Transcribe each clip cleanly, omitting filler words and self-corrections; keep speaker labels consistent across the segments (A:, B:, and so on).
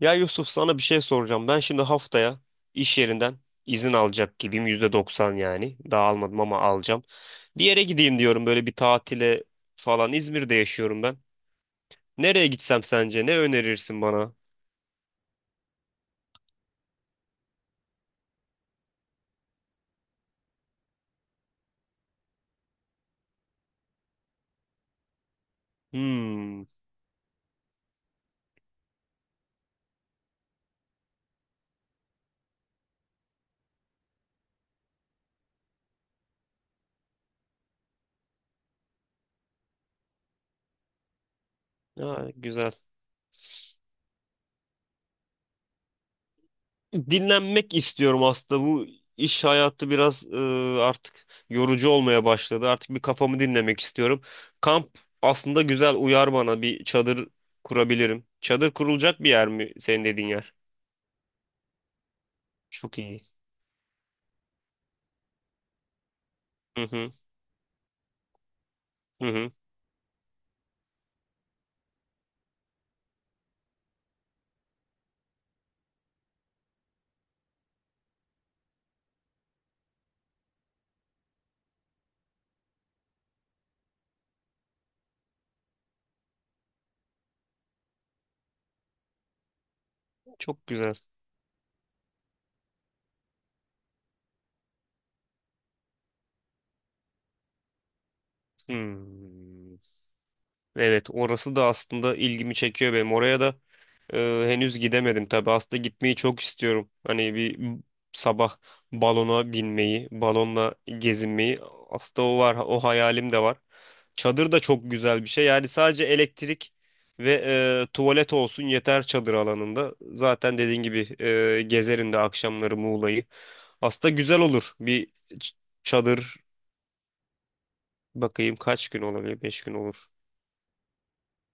A: Ya Yusuf sana bir şey soracağım. Ben şimdi haftaya iş yerinden izin alacak gibiyim. %90 yani. Daha almadım ama alacağım. Bir yere gideyim diyorum böyle bir tatile falan. İzmir'de yaşıyorum ben. Nereye gitsem sence? Ne önerirsin bana? Hmm. Ha, güzel. Dinlenmek istiyorum aslında. Bu iş hayatı biraz artık yorucu olmaya başladı. Artık bir kafamı dinlemek istiyorum. Kamp aslında güzel uyar bana. Bir çadır kurabilirim. Çadır kurulacak bir yer mi senin dediğin yer? Çok iyi. Hı hı. Hı hı. Çok güzel. Hmm. Evet, orası da aslında ilgimi çekiyor benim. Oraya da henüz gidemedim tabii. Aslında gitmeyi çok istiyorum. Hani sabah balona binmeyi, balonla gezinmeyi. Aslında o var, o hayalim de var. Çadır da çok güzel bir şey. Yani sadece elektrik ve tuvalet olsun yeter çadır alanında. Zaten dediğin gibi gezerim de akşamları Muğla'yı. Aslında güzel olur çadır. Bakayım kaç gün olabilir? 5 gün olur.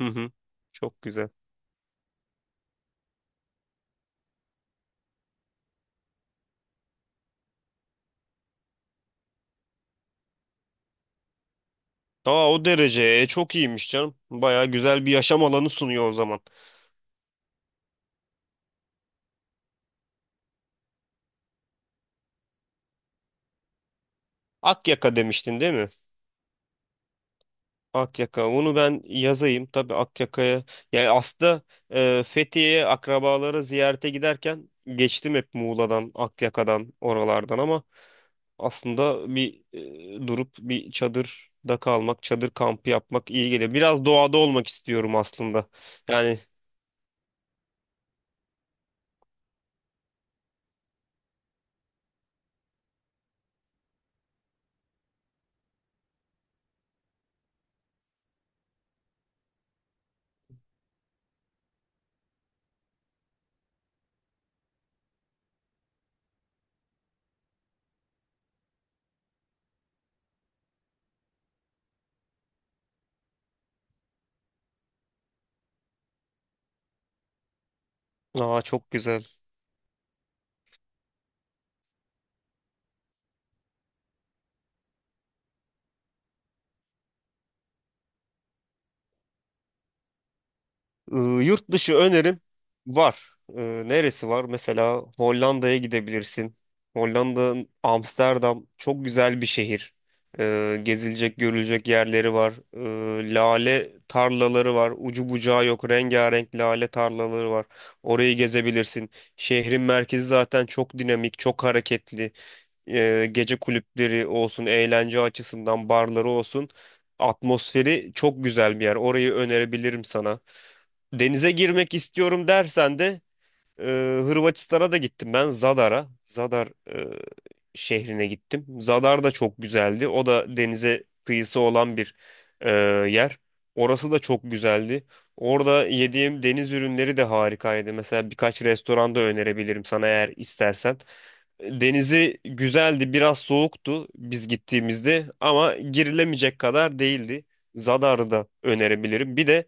A: Hı hı. Çok güzel. Aa, o derece. Çok iyiymiş canım. Baya güzel bir yaşam alanı sunuyor o zaman. Akyaka demiştin değil mi? Akyaka. Onu ben yazayım. Tabii Akyaka'ya. Yani aslında Fethiye'ye akrabalara ziyarete giderken geçtim hep Muğla'dan, Akyaka'dan, oralardan ama aslında durup bir çadırda kalmak, çadır kampı yapmak iyi geliyor. Biraz doğada olmak istiyorum aslında. Yani aa, çok güzel. Ee, Yurt dışı önerim var. Neresi var? Mesela Hollanda'ya gidebilirsin. Hollanda, Amsterdam çok güzel bir şehir. Gezilecek, görülecek yerleri var. Lale tarlaları var. Ucu bucağı yok. Rengarenk lale tarlaları var. Orayı gezebilirsin. Şehrin merkezi zaten çok dinamik, çok hareketli, gece kulüpleri olsun, eğlence açısından barları olsun, atmosferi çok güzel bir yer. Orayı önerebilirim sana. Denize girmek istiyorum dersen de ee, Hırvatistan'a da gittim ben Zadar'a. Zadar e, şehrine gittim. Zadar da çok güzeldi. O da denize kıyısı olan bir e, yer. Orası da çok güzeldi. Orada yediğim deniz ürünleri de harikaydı. Mesela birkaç restoranda önerebilirim sana eğer istersen. Denizi güzeldi, biraz soğuktu biz gittiğimizde ama girilemeyecek kadar değildi. Zadar'ı da önerebilirim. Bir de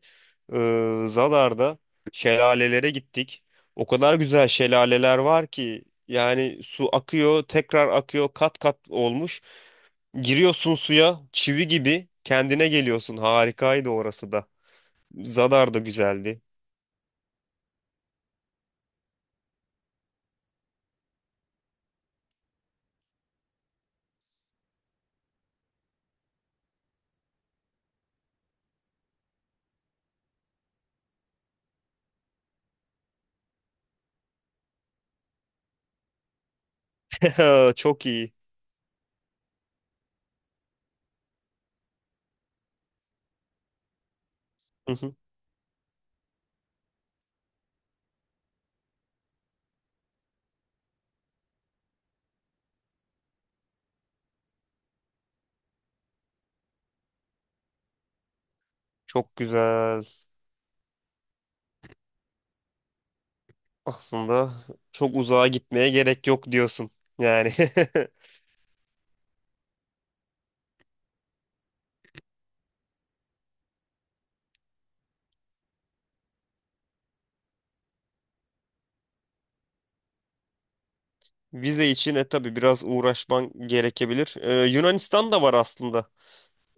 A: Zadar'da şelalelere gittik. O kadar güzel şelaleler var ki yani su akıyor, tekrar akıyor, kat kat olmuş. Giriyorsun suya, çivi gibi kendine geliyorsun. Harikaydı orası da. Zadar da güzeldi. Çok iyi. Hı hı. Çok güzel. Aslında çok uzağa gitmeye gerek yok diyorsun. Yani vize için e tabii biraz uğraşman gerekebilir. Yunanistan da var aslında.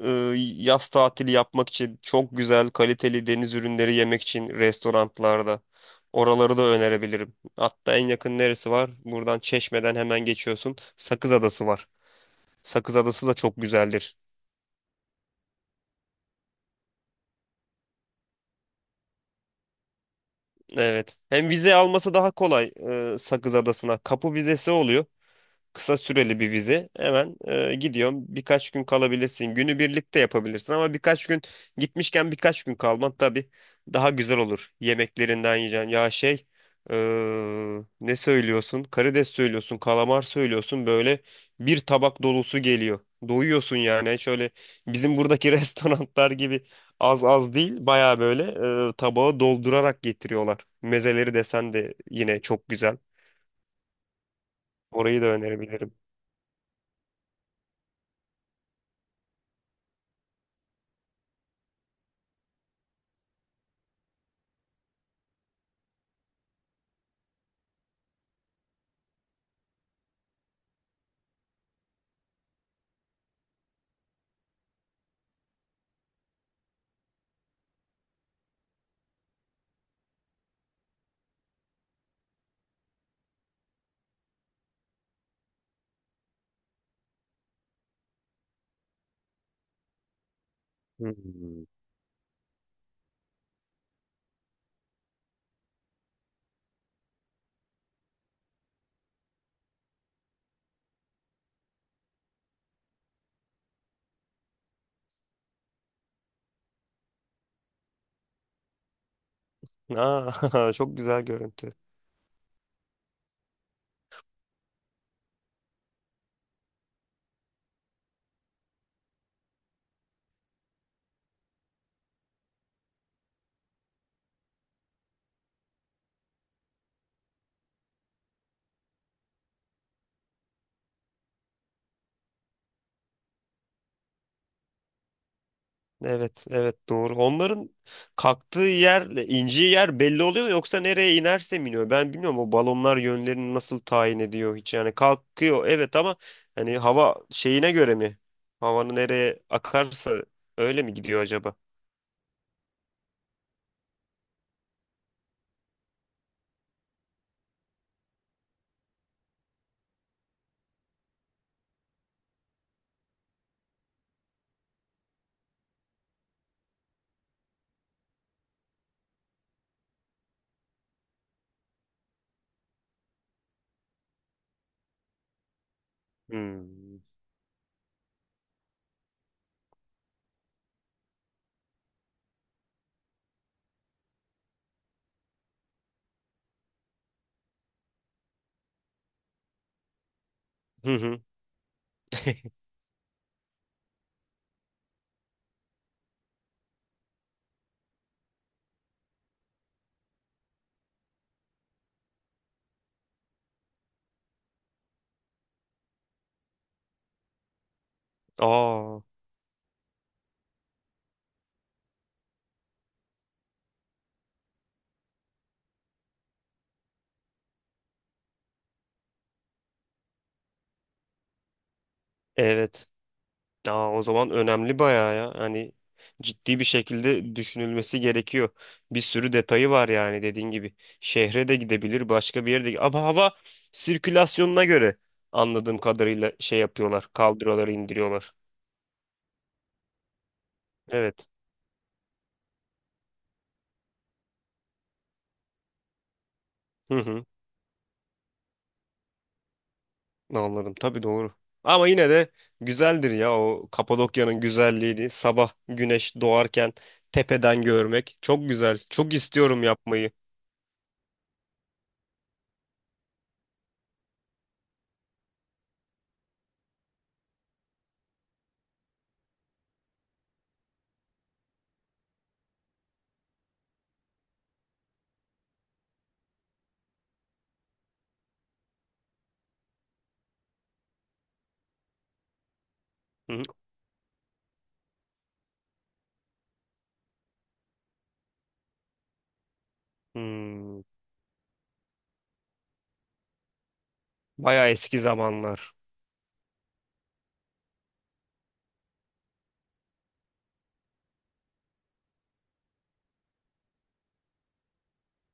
A: e, Yaz tatili yapmak için çok güzel, kaliteli deniz ürünleri yemek için restoranlarda. Oraları da önerebilirim. Hatta en yakın neresi var? Buradan Çeşme'den hemen geçiyorsun. Sakız Adası var. Sakız Adası da çok güzeldir. Evet. Hem vize alması daha kolay Sakız Adası'na. Kapı vizesi oluyor, kısa süreli bir vize. Hemen gidiyorum. Birkaç gün kalabilirsin. Günü birlikte yapabilirsin ama birkaç gün gitmişken birkaç gün kalman tabii daha güzel olur. Yemeklerinden yiyeceksin. Ya şey, e, ne söylüyorsun? Karides söylüyorsun, kalamar söylüyorsun. Böyle bir tabak dolusu geliyor. Doyuyorsun yani. Hiç öyle bizim buradaki restoranlar gibi az az değil. Baya böyle tabağı doldurarak getiriyorlar. Mezeleri desen de yine çok güzel. Orayı da önerebilirim. Hmm. Aa, çok güzel görüntü. Evet, evet, doğru. Onların kalktığı yerle indiği yer belli oluyor mu, yoksa nereye inerse mi iniyor? Ben bilmiyorum o balonlar yönlerini nasıl tayin ediyor hiç. Yani kalkıyor evet ama hani hava şeyine göre mi? Havanın nereye akarsa öyle mi gidiyor acaba? Hmm. Hı hı. Aa, evet. Aa, o zaman önemli bayağı ya. Hani ciddi bir şekilde düşünülmesi gerekiyor. Bir sürü detayı var yani dediğin gibi. Şehre de gidebilir, başka bir yere de. Ama hava sirkülasyonuna göre anladığım kadarıyla şey yapıyorlar. Kaldırıyorlar, indiriyorlar. Evet. Hı hı. Anladım. Tabii, doğru. Ama yine de güzeldir ya, o Kapadokya'nın güzelliğini sabah güneş doğarken tepeden görmek çok güzel. Çok istiyorum yapmayı. Hı hı. Hmm. Bayağı eski zamanlar.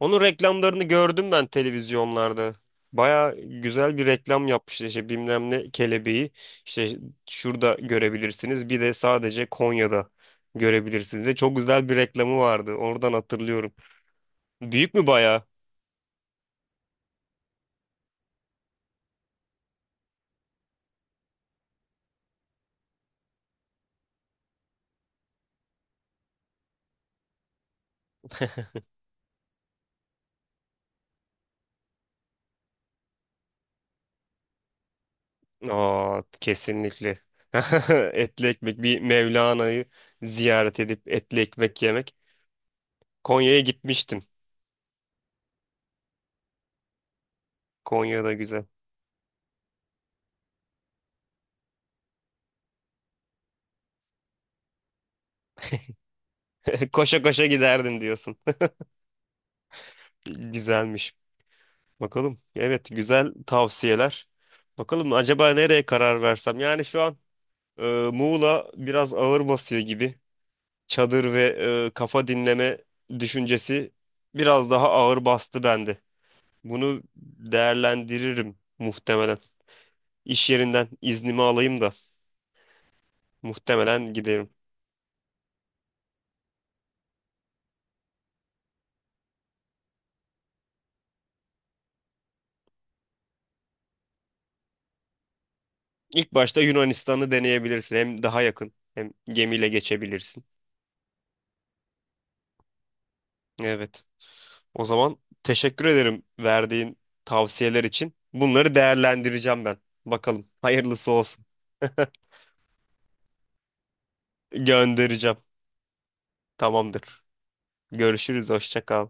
A: Onun reklamlarını gördüm ben televizyonlarda. Baya güzel bir reklam yapmışlar, işte bilmem ne kelebeği işte şurada görebilirsiniz, bir de sadece Konya'da görebilirsiniz, de çok güzel bir reklamı vardı, oradan hatırlıyorum. Büyük mü baya? Aa, kesinlikle. Etli ekmek bir, Mevlana'yı ziyaret edip etli ekmek yemek. Konya'ya gitmiştim. Konya'da güzel. Koşa koşa giderdim diyorsun. Güzelmiş. Bakalım. Evet, güzel tavsiyeler. Bakalım acaba nereye karar versem? Yani şu an Muğla biraz ağır basıyor gibi. Çadır ve kafa dinleme düşüncesi biraz daha ağır bastı bende. Bunu değerlendiririm muhtemelen. İş yerinden iznimi alayım da muhtemelen giderim. İlk başta Yunanistan'ı deneyebilirsin. Hem daha yakın hem gemiyle geçebilirsin. Evet. O zaman teşekkür ederim verdiğin tavsiyeler için. Bunları değerlendireceğim ben. Bakalım, hayırlısı olsun. Göndereceğim. Tamamdır. Görüşürüz. Hoşça kal.